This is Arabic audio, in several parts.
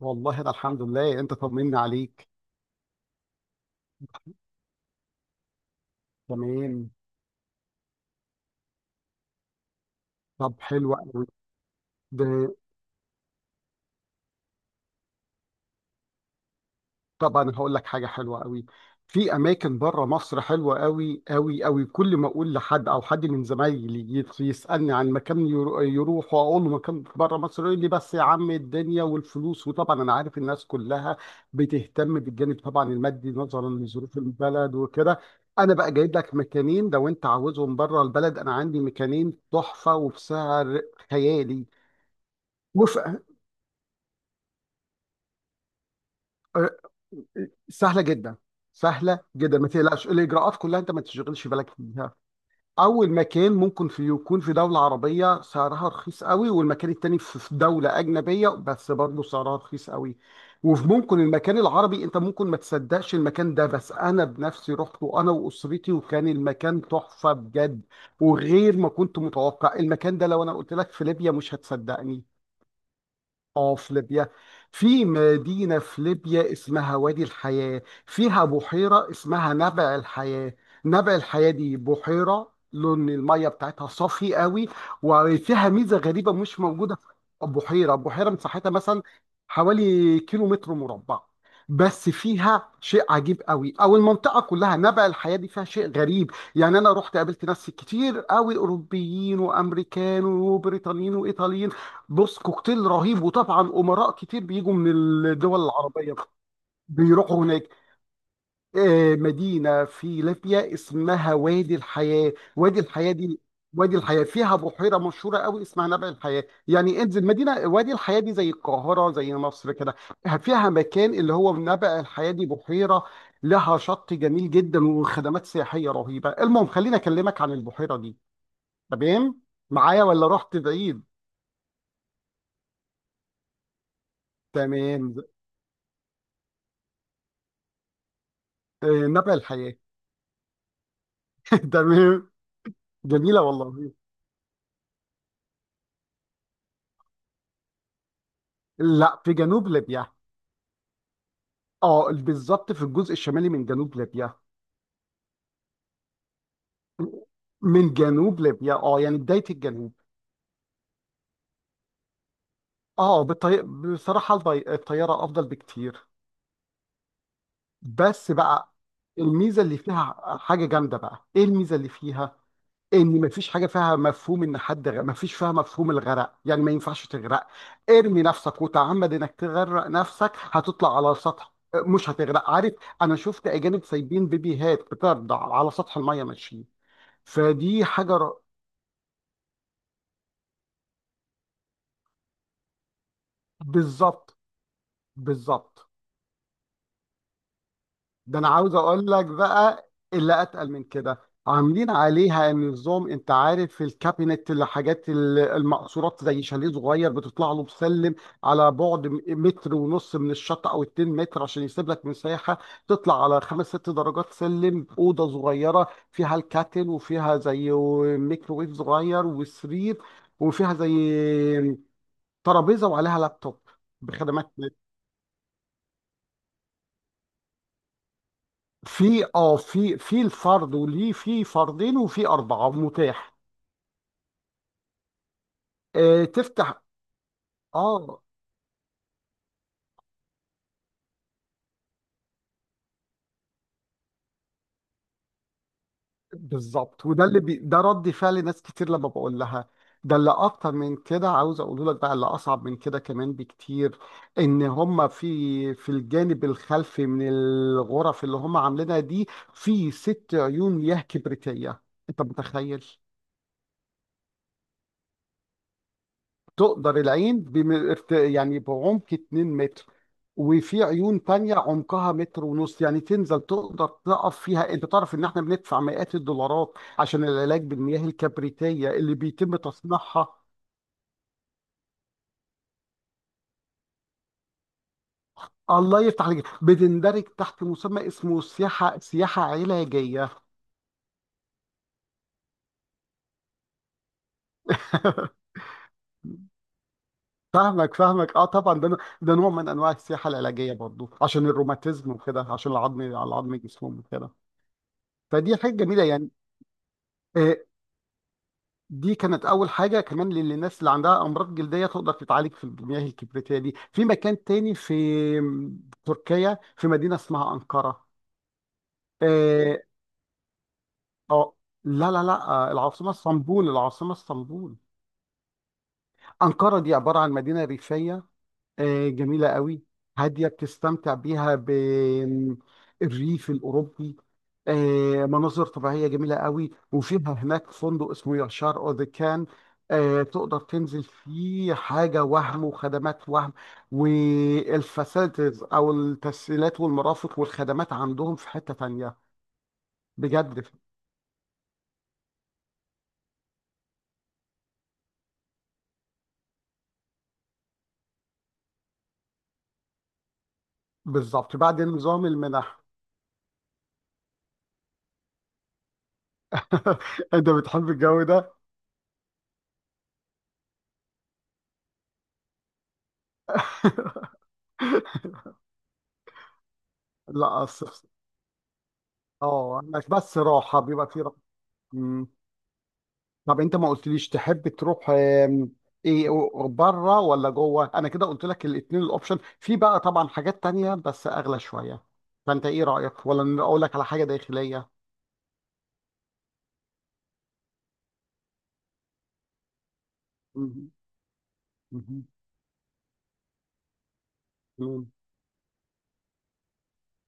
والله، ده الحمد لله، انت طمني عليك. تمام. طب حلو قوي. ده طب انا هقول لك حاجه حلوه قوي. في اماكن بره مصر حلوه قوي قوي قوي. كل ما اقول لحد او حد من زمايلي يسالني عن مكان يروح واقول له مكان بره مصر، يقول لي بس يا عم، الدنيا والفلوس. وطبعا انا عارف الناس كلها بتهتم بالجانب طبعا المادي نظرا لظروف البلد وكده. انا بقى جايب لك مكانين لو انت عاوزهم بره البلد. انا عندي مكانين تحفه وبسعر خيالي. وف... آه، سهله جدا. سهله جدا، ما تقلقش، الاجراءات كلها انت ما تشغلش بالك بيها. اول مكان ممكن في يكون في دوله عربيه سعرها رخيص قوي، والمكان التاني في دوله اجنبيه بس برضه سعرها رخيص قوي. وممكن المكان العربي انت ممكن ما تصدقش المكان ده، بس انا بنفسي رحت وانا واسرتي وكان المكان تحفه بجد وغير ما كنت متوقع. المكان ده لو انا قلت لك في ليبيا مش هتصدقني. اه، في ليبيا. في مدينة في ليبيا اسمها وادي الحياة، فيها بحيرة اسمها نبع الحياة. نبع الحياة دي بحيرة لون المية بتاعتها صافي قوي، وفيها ميزة غريبة مش موجودة في بحيرة. مساحتها مثلا حوالي كيلو متر مربع، بس فيها شيء عجيب قوي. او المنطقه كلها، نبع الحياه دي، فيها شيء غريب. يعني انا رحت قابلت ناس كتير قوي، اوروبيين وامريكان وبريطانيين وايطاليين. بص، كوكتيل رهيب. وطبعا امراء كتير بيجوا من الدول العربيه بيروحوا هناك. آه، مدينه في ليبيا اسمها وادي الحياه. وادي الحياه دي، وادي الحياه فيها بحيره مشهوره قوي اسمها نبع الحياه. يعني انزل مدينه وادي الحياه دي زي القاهره، زي مصر كده. فيها مكان اللي هو نبع الحياه، دي بحيره لها شط جميل جدا وخدمات سياحيه رهيبه. المهم، خليني اكلمك عن البحيره دي. تمام، معايا ولا رحت بعيد؟ تمام. آه، نبع الحياه. تمام. جميله والله العظيم. لا، في جنوب ليبيا. اه بالظبط، في الجزء الشمالي من جنوب ليبيا. من جنوب ليبيا، اه، يعني بدايه الجنوب. اه، بصراحه الطياره افضل بكتير. بس بقى الميزه اللي فيها حاجه جامده. بقى ايه الميزه اللي فيها؟ ان مفيش حاجه فيها مفهوم، مفيش فيها مفهوم الغرق. يعني ما ينفعش تغرق. ارمي نفسك وتعمد انك تغرق نفسك، هتطلع على سطح، مش هتغرق، عارف؟ انا شفت اجانب سايبين بيبيهات بترضع على سطح الميه ماشيين. فدي حاجه بالظبط. بالظبط. ده انا عاوز اقول لك بقى اللي اتقل من كده. عاملين عليها نظام، انت عارف في الكابينت، الحاجات المقصورات، زي شاليه صغير بتطلع له بسلم على بعد متر ونص من الشط او 2 متر عشان يسيب لك مساحه. تطلع على خمس ست درجات سلم، اوضه صغيره فيها الكاتل وفيها زي ميكروويف صغير وسرير، وفيها زي ترابيزه وعليها لابتوب. بخدمات. في الفرد وليه، في فردين، وفي أربعة متاح. آه تفتح. اه بالظبط. وده اللي ده رد فعل ناس كتير لما بقول لها. ده اللي أكتر من كده، عاوز أقول لك بقى اللي أصعب من كده كمان بكتير. إن هم في الجانب الخلفي من الغرف اللي هم عاملينها دي، في ست عيون ياه كبريتية. أنت متخيل؟ تقدر العين يعني بعمق 2 متر، وفي عيون تانية عمقها متر ونص، يعني تنزل تقدر تقف فيها. انت تعرف ان احنا بندفع مئات الدولارات عشان العلاج بالمياه الكبريتية اللي بيتم تصنيعها. الله يفتح عليك. بتندرج تحت مسمى اسمه سياحة علاجية. فاهمك فاهمك، اه طبعا. ده نوع من انواع السياحة العلاجية برضو عشان الروماتيزم وكده، عشان العظم على عظم جسمهم وكده. فدي حاجة جميلة يعني. آه، دي كانت اول حاجه. كمان، للناس اللي عندها امراض جلديه، تقدر تتعالج في المياه الكبريتيه دي. في مكان تاني في تركيا، في مدينه اسمها انقره. اه. آه، لا لا لا، العاصمه اسطنبول. العاصمه اسطنبول. انقره دي عباره عن مدينه ريفيه، جميلة قوي، هادية، بتستمتع بيها بالريف الأوروبي. مناظر طبيعية جميلة قوي، وفيها هناك فندق اسمه ياشار أو ذا كان. تقدر تنزل فيه حاجة وهم، وخدمات وهم، والفاسيلتيز أو التسهيلات والمرافق والخدمات عندهم في حتة تانية. بجد. بالظبط، بعد نظام المنح. أنت بتحب الجو ده؟ لا، الصيف، اه، هناك بس راحة بيبقى فيه. مم. طب انت ما قلتليش تحب تروح، ايه؟ بره ولا جوه؟ انا كده قلت لك الاثنين. الاوبشن في بقى طبعا حاجات تانية بس اغلى شوية. فانت ايه رأيك؟ ولا اقول لك على حاجة داخلية؟ مم. مم. مم.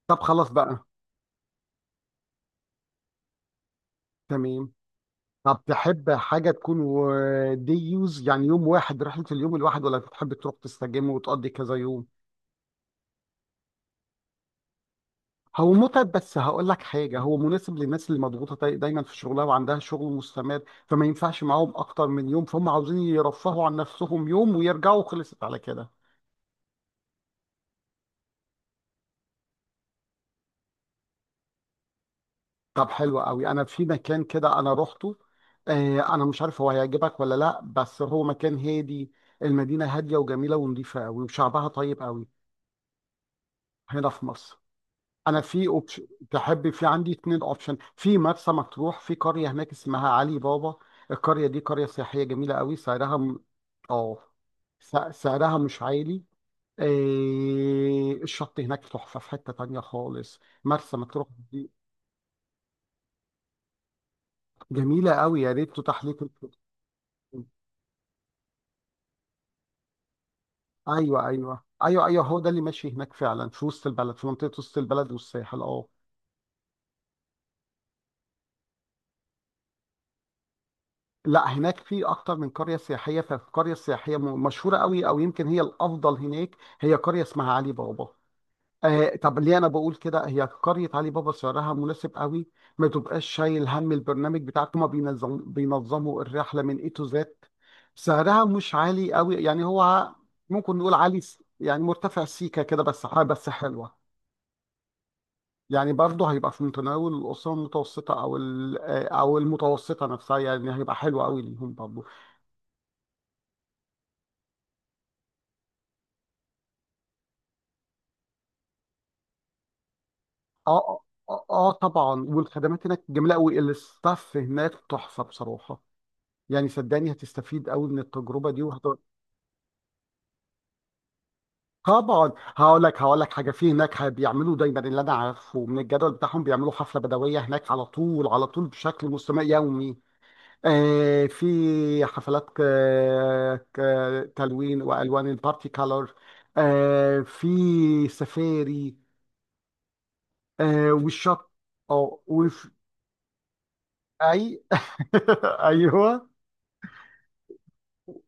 طب خلاص بقى. تمام. طب تحب حاجة تكون دي يوز، يعني يوم واحد، رحلة اليوم الواحد، ولا تحب تروح تستجم وتقضي كذا يوم؟ هو متعب، بس هقول لك حاجة، هو مناسب للناس اللي مضغوطة دايما في شغلها وعندها شغل مستمر، فما ينفعش معاهم أكتر من يوم، فهم عاوزين يرفهوا عن نفسهم يوم ويرجعوا، خلصت على كده. طب حلو قوي. أنا في مكان كده أنا روحته. آه، أنا مش عارف هو هيعجبك ولا لأ، بس هو مكان هادي. المدينة هادية وجميلة ونظيفة قوي وشعبها طيب قوي. هنا في مصر. انا في اوبشن، تحب، في عندي اتنين اوبشن. في مرسى مطروح، في قريه هناك اسمها علي بابا. القريه دي قريه سياحيه جميله قوي، سعرها م... اه س- سعرها مش عالي. الشط هناك تحفه. في حته تانية خالص، مرسى مطروح دي جميله قوي، يا ريت تتاح ليك الفرصة. ايوه ايوه ايوه ايوه، هو ده اللي ماشي هناك فعلا، في وسط البلد، في منطقه وسط البلد والساحل، اه. لا، هناك في اكتر من قريه سياحيه، فالقريه السياحيه مشهوره قوي، او يمكن هي الافضل هناك، هي قريه اسمها علي بابا. آه طب ليه انا بقول كده؟ هي قريه علي بابا سعرها مناسب قوي. ما تبقاش شايل هم، البرنامج بتاعك هما بينظموا الرحله من اي تو زد. سعرها مش عالي قوي، يعني هو ممكن نقول عالي يعني مرتفع سيكه كده، بس بس حلوه. يعني برضه هيبقى في متناول الاسره المتوسطه، او او المتوسطه نفسها، يعني هيبقى حلو قوي ليهم برضه. اه، اه، آه طبعا، والخدمات هناك جميله قوي، الستاف هناك تحفه بصراحه. يعني صدقني هتستفيد قوي من التجربه دي طبعا. هقول لك حاجه. في هناك، بيعملوا دايما، اللي انا عارفه من الجدول بتاعهم، بيعملوا حفله بدويه هناك على طول على طول، بشكل مستمر يومي. آه في حفلات ك... تلوين والوان، البارتي كالر. آه في سفاري. آه والشط. اه وفي اي ايوه.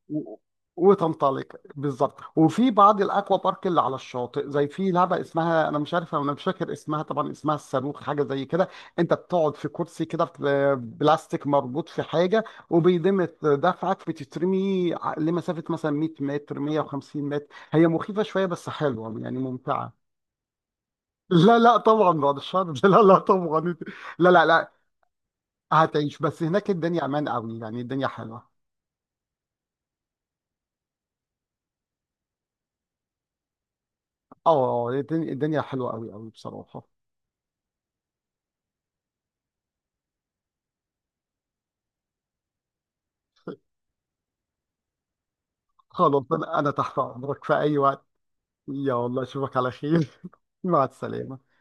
و- وتنطلق. بالظبط. وفي بعض الاكوا بارك اللي على الشاطئ، زي في لعبه اسمها، انا مش عارف، انا مش فاكر اسمها، طبعا اسمها الصاروخ، حاجه زي كده. انت بتقعد في كرسي كده في بلاستيك مربوط في حاجه، وبيدمة دفعك بتترمي لمسافه مثلا 100 متر 150 متر. هي مخيفه شويه بس حلوه يعني ممتعه. لا لا طبعا، بعد الشر. لا لا طبعا. لا لا لا، هتعيش، بس هناك الدنيا امان قوي، يعني الدنيا حلوه. اه الدنيا حلوه قوي قوي بصراحه. خلاص، أنا تحت امرك في اي وقت. يا الله، اشوفك على خير. مع السلامة.